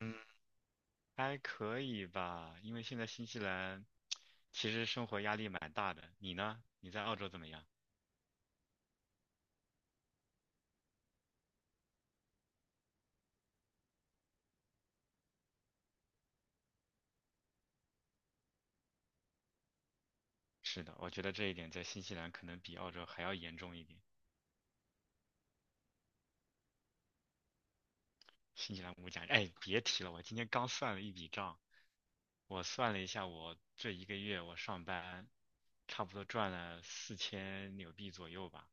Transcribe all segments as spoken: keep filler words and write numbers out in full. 嗯，还可以吧，因为现在新西兰其实生活压力蛮大的。你呢？你在澳洲怎么样？是的，我觉得这一点在新西兰可能比澳洲还要严重一点。新西兰物价，哎，别提了，我今天刚算了一笔账，我算了一下，我这一个月我上班，差不多赚了四千纽币左右吧，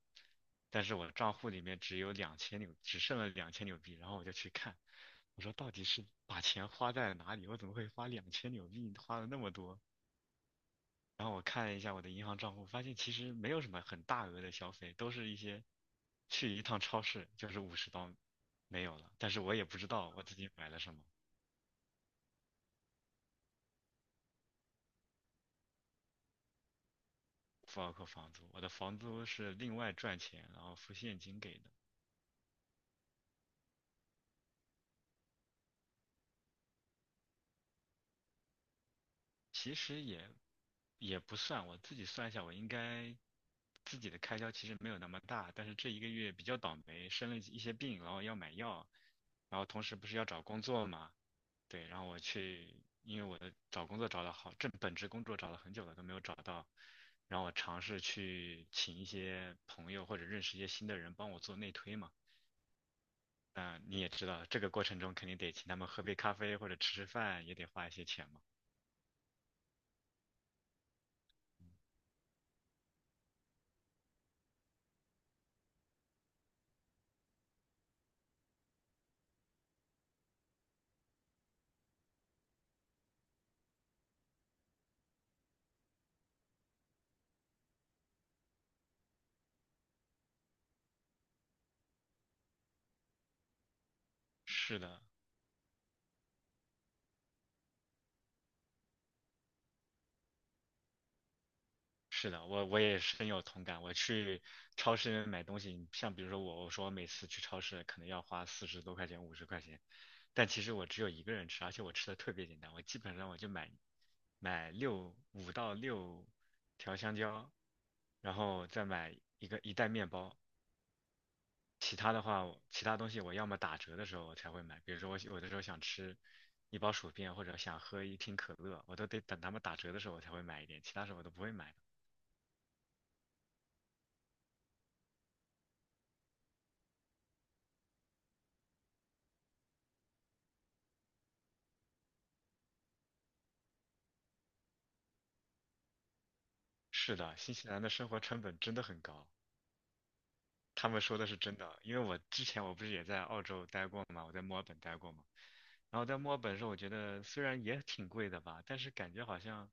但是我账户里面只有两千纽，只剩了两千纽币，然后我就去看，我说到底是把钱花在了哪里？我怎么会花两千纽币，花了那么多？然后我看了一下我的银行账户，发现其实没有什么很大额的消费，都是一些去一趟超市就是五十刀没有了。但是我也不知道我自己买了什么。不包括房租，我的房租是另外赚钱，然后付现金给的。其实也也不算，我自己算一下，我应该自己的开销其实没有那么大，但是这一个月比较倒霉，生了一些病，然后要买药，然后同时不是要找工作嘛，对，然后我去，因为我的找工作找了好，正本职工作找了很久了都没有找到，然后我尝试去请一些朋友或者认识一些新的人帮我做内推嘛。那你也知道，这个过程中肯定得请他们喝杯咖啡或者吃吃饭，也得花一些钱嘛。是的，是的，我我也深有同感。我去超市买东西，像比如说我，我说我每次去超市可能要花四十多块钱、五十块钱，但其实我只有一个人吃，而且我吃的特别简单，我基本上我就买买六五到六条香蕉，然后再买一个一袋面包。其他的话，其他东西我要么打折的时候我才会买，比如说我有的时候想吃一包薯片或者想喝一听可乐，我都得等他们打折的时候我才会买一点，其他时候我都不会买。是的，新西兰的生活成本真的很高，他们说的是真的。因为我之前我不是也在澳洲待过嘛，我在墨尔本待过嘛。然后在墨尔本的时候，我觉得虽然也挺贵的吧，但是感觉好像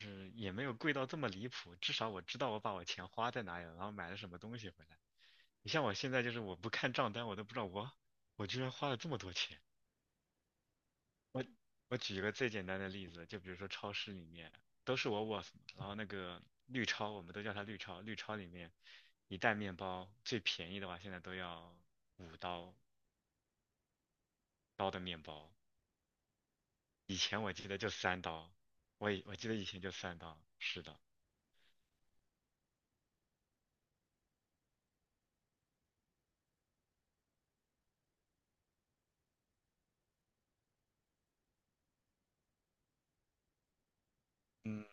是也没有贵到这么离谱。至少我知道我把我钱花在哪里了，然后买了什么东西回来。你像我现在就是我不看账单，我都不知道我我居然花了这么多钱。我举一个最简单的例子，就比如说超市里面都是我 o o w o s 然后那个绿超，我们都叫它绿超，绿超里面一袋面包最便宜的话，现在都要五刀刀的面包，以前我记得就三刀，我以我记得以前就三刀，是的，嗯，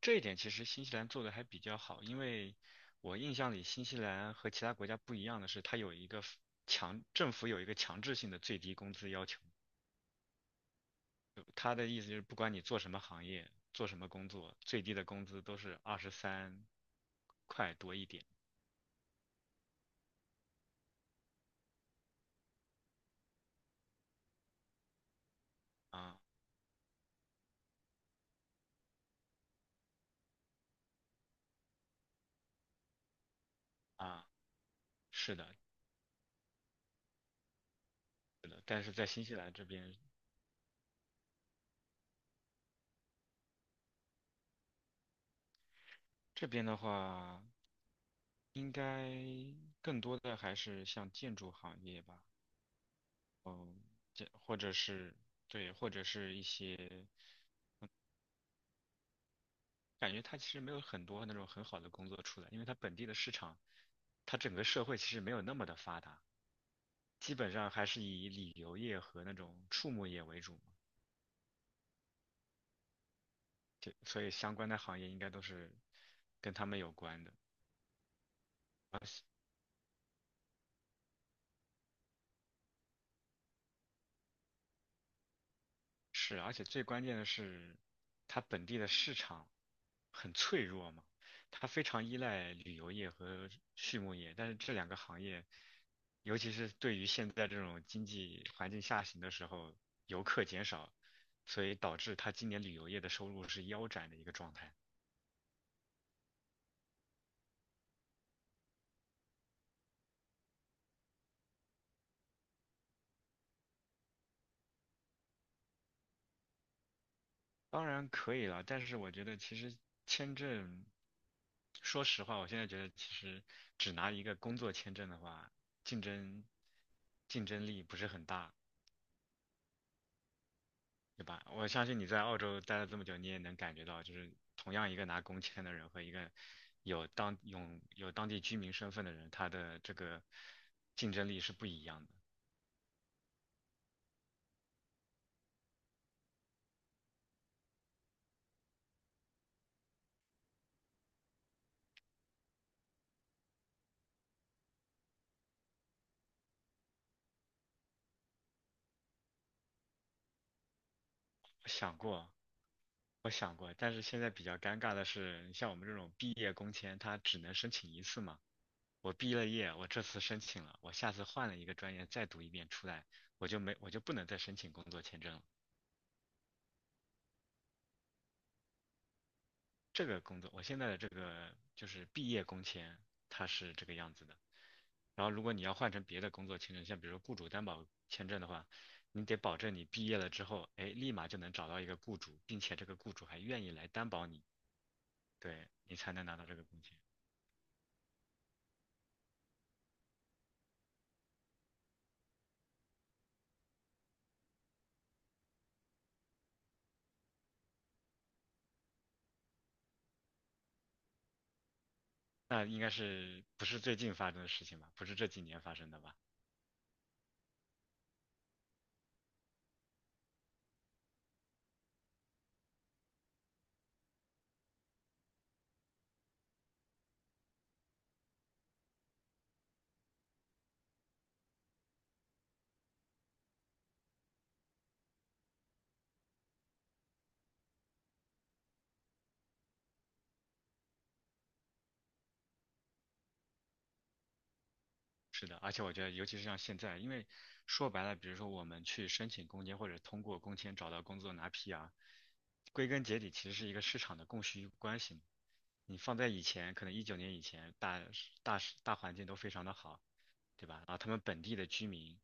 这一点其实新西兰做的还比较好，因为我印象里新西兰和其他国家不一样的是，它有一个 f- 强，政府有一个强制性的最低工资要求。他的意思就是，不管你做什么行业、做什么工作，最低的工资都是二十三块多一点啊啊。是的，是的，但是在新西兰这边，这边的话，应该更多的还是像建筑行业吧，嗯，这或者是对，或者是一些感觉它其实没有很多那种很好的工作出来，因为它本地的市场，它整个社会其实没有那么的发达，基本上还是以旅游业和那种畜牧业为主嘛，就所以相关的行业应该都是跟他们有关的。是，而且最关键的是，它本地的市场很脆弱嘛，它非常依赖旅游业和畜牧业，但是这两个行业，尤其是对于现在这种经济环境下行的时候，游客减少，所以导致它今年旅游业的收入是腰斩的一个状态。当然可以了，但是我觉得其实签证，说实话，我现在觉得其实只拿一个工作签证的话，竞争竞争力不是很大，对吧？我相信你在澳洲待了这么久，你也能感觉到，就是同样一个拿工签的人和一个有当有有当地居民身份的人，他的这个竞争力是不一样的。我想过，我想过，但是现在比较尴尬的是，你像我们这种毕业工签，它只能申请一次嘛。我毕了业，我这次申请了，我下次换了一个专业再读一遍出来，我就没，我就不能再申请工作签证了。这个工作，我现在的这个就是毕业工签，它是这个样子的。然后如果你要换成别的工作签证，像比如说雇主担保签证的话，你得保证你毕业了之后，哎，立马就能找到一个雇主，并且这个雇主还愿意来担保你，对，你才能拿到这个工钱。那应该是不是最近发生的事情吧？不是这几年发生的吧？是的，而且我觉得，尤其是像现在，因为说白了，比如说我们去申请工签或者通过工签找到工作拿 P R，归根结底其实是一个市场的供需关系嘛。你放在以前，可能一九年以前，大大大环境都非常的好，对吧？然后他们本地的居民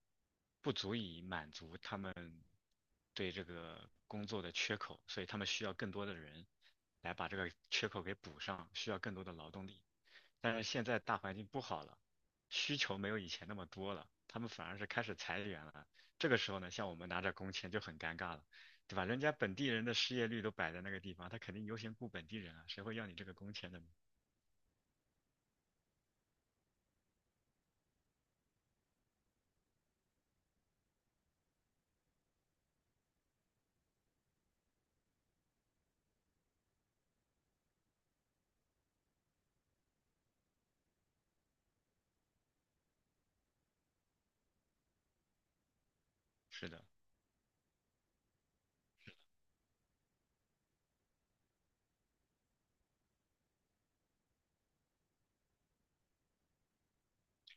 不足以满足他们对这个工作的缺口，所以他们需要更多的人来把这个缺口给补上，需要更多的劳动力。但是现在大环境不好了。需求没有以前那么多了，他们反而是开始裁员了。这个时候呢，像我们拿着工签就很尴尬了，对吧？人家本地人的失业率都摆在那个地方，他肯定优先雇本地人啊，谁会要你这个工签的呢？是的，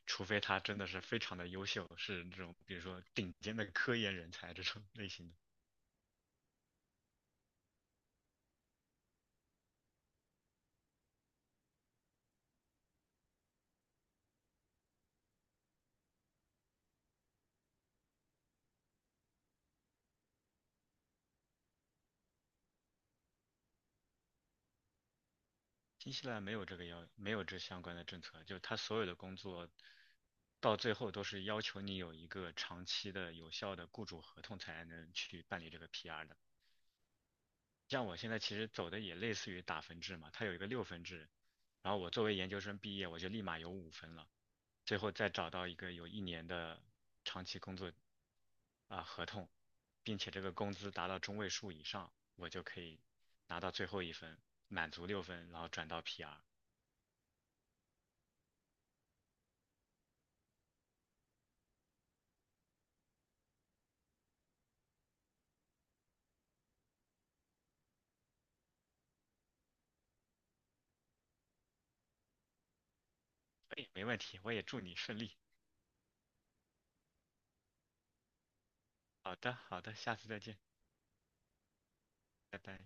除非他真的是非常的优秀，是这种比如说顶尖的科研人才这种类型的。新西兰没有这个要，没有这相关的政策，就他所有的工作到最后都是要求你有一个长期的有效的雇主合同才能去办理这个 P R 的。像我现在其实走的也类似于打分制嘛，它有一个六分制，然后我作为研究生毕业，我就立马有五分了，最后再找到一个有一年的长期工作啊、合同，并且这个工资达到中位数以上，我就可以拿到最后一分，满足六分，然后转到 P R。哎，没问题，我也祝你顺利。好的，好的，下次再见，拜拜。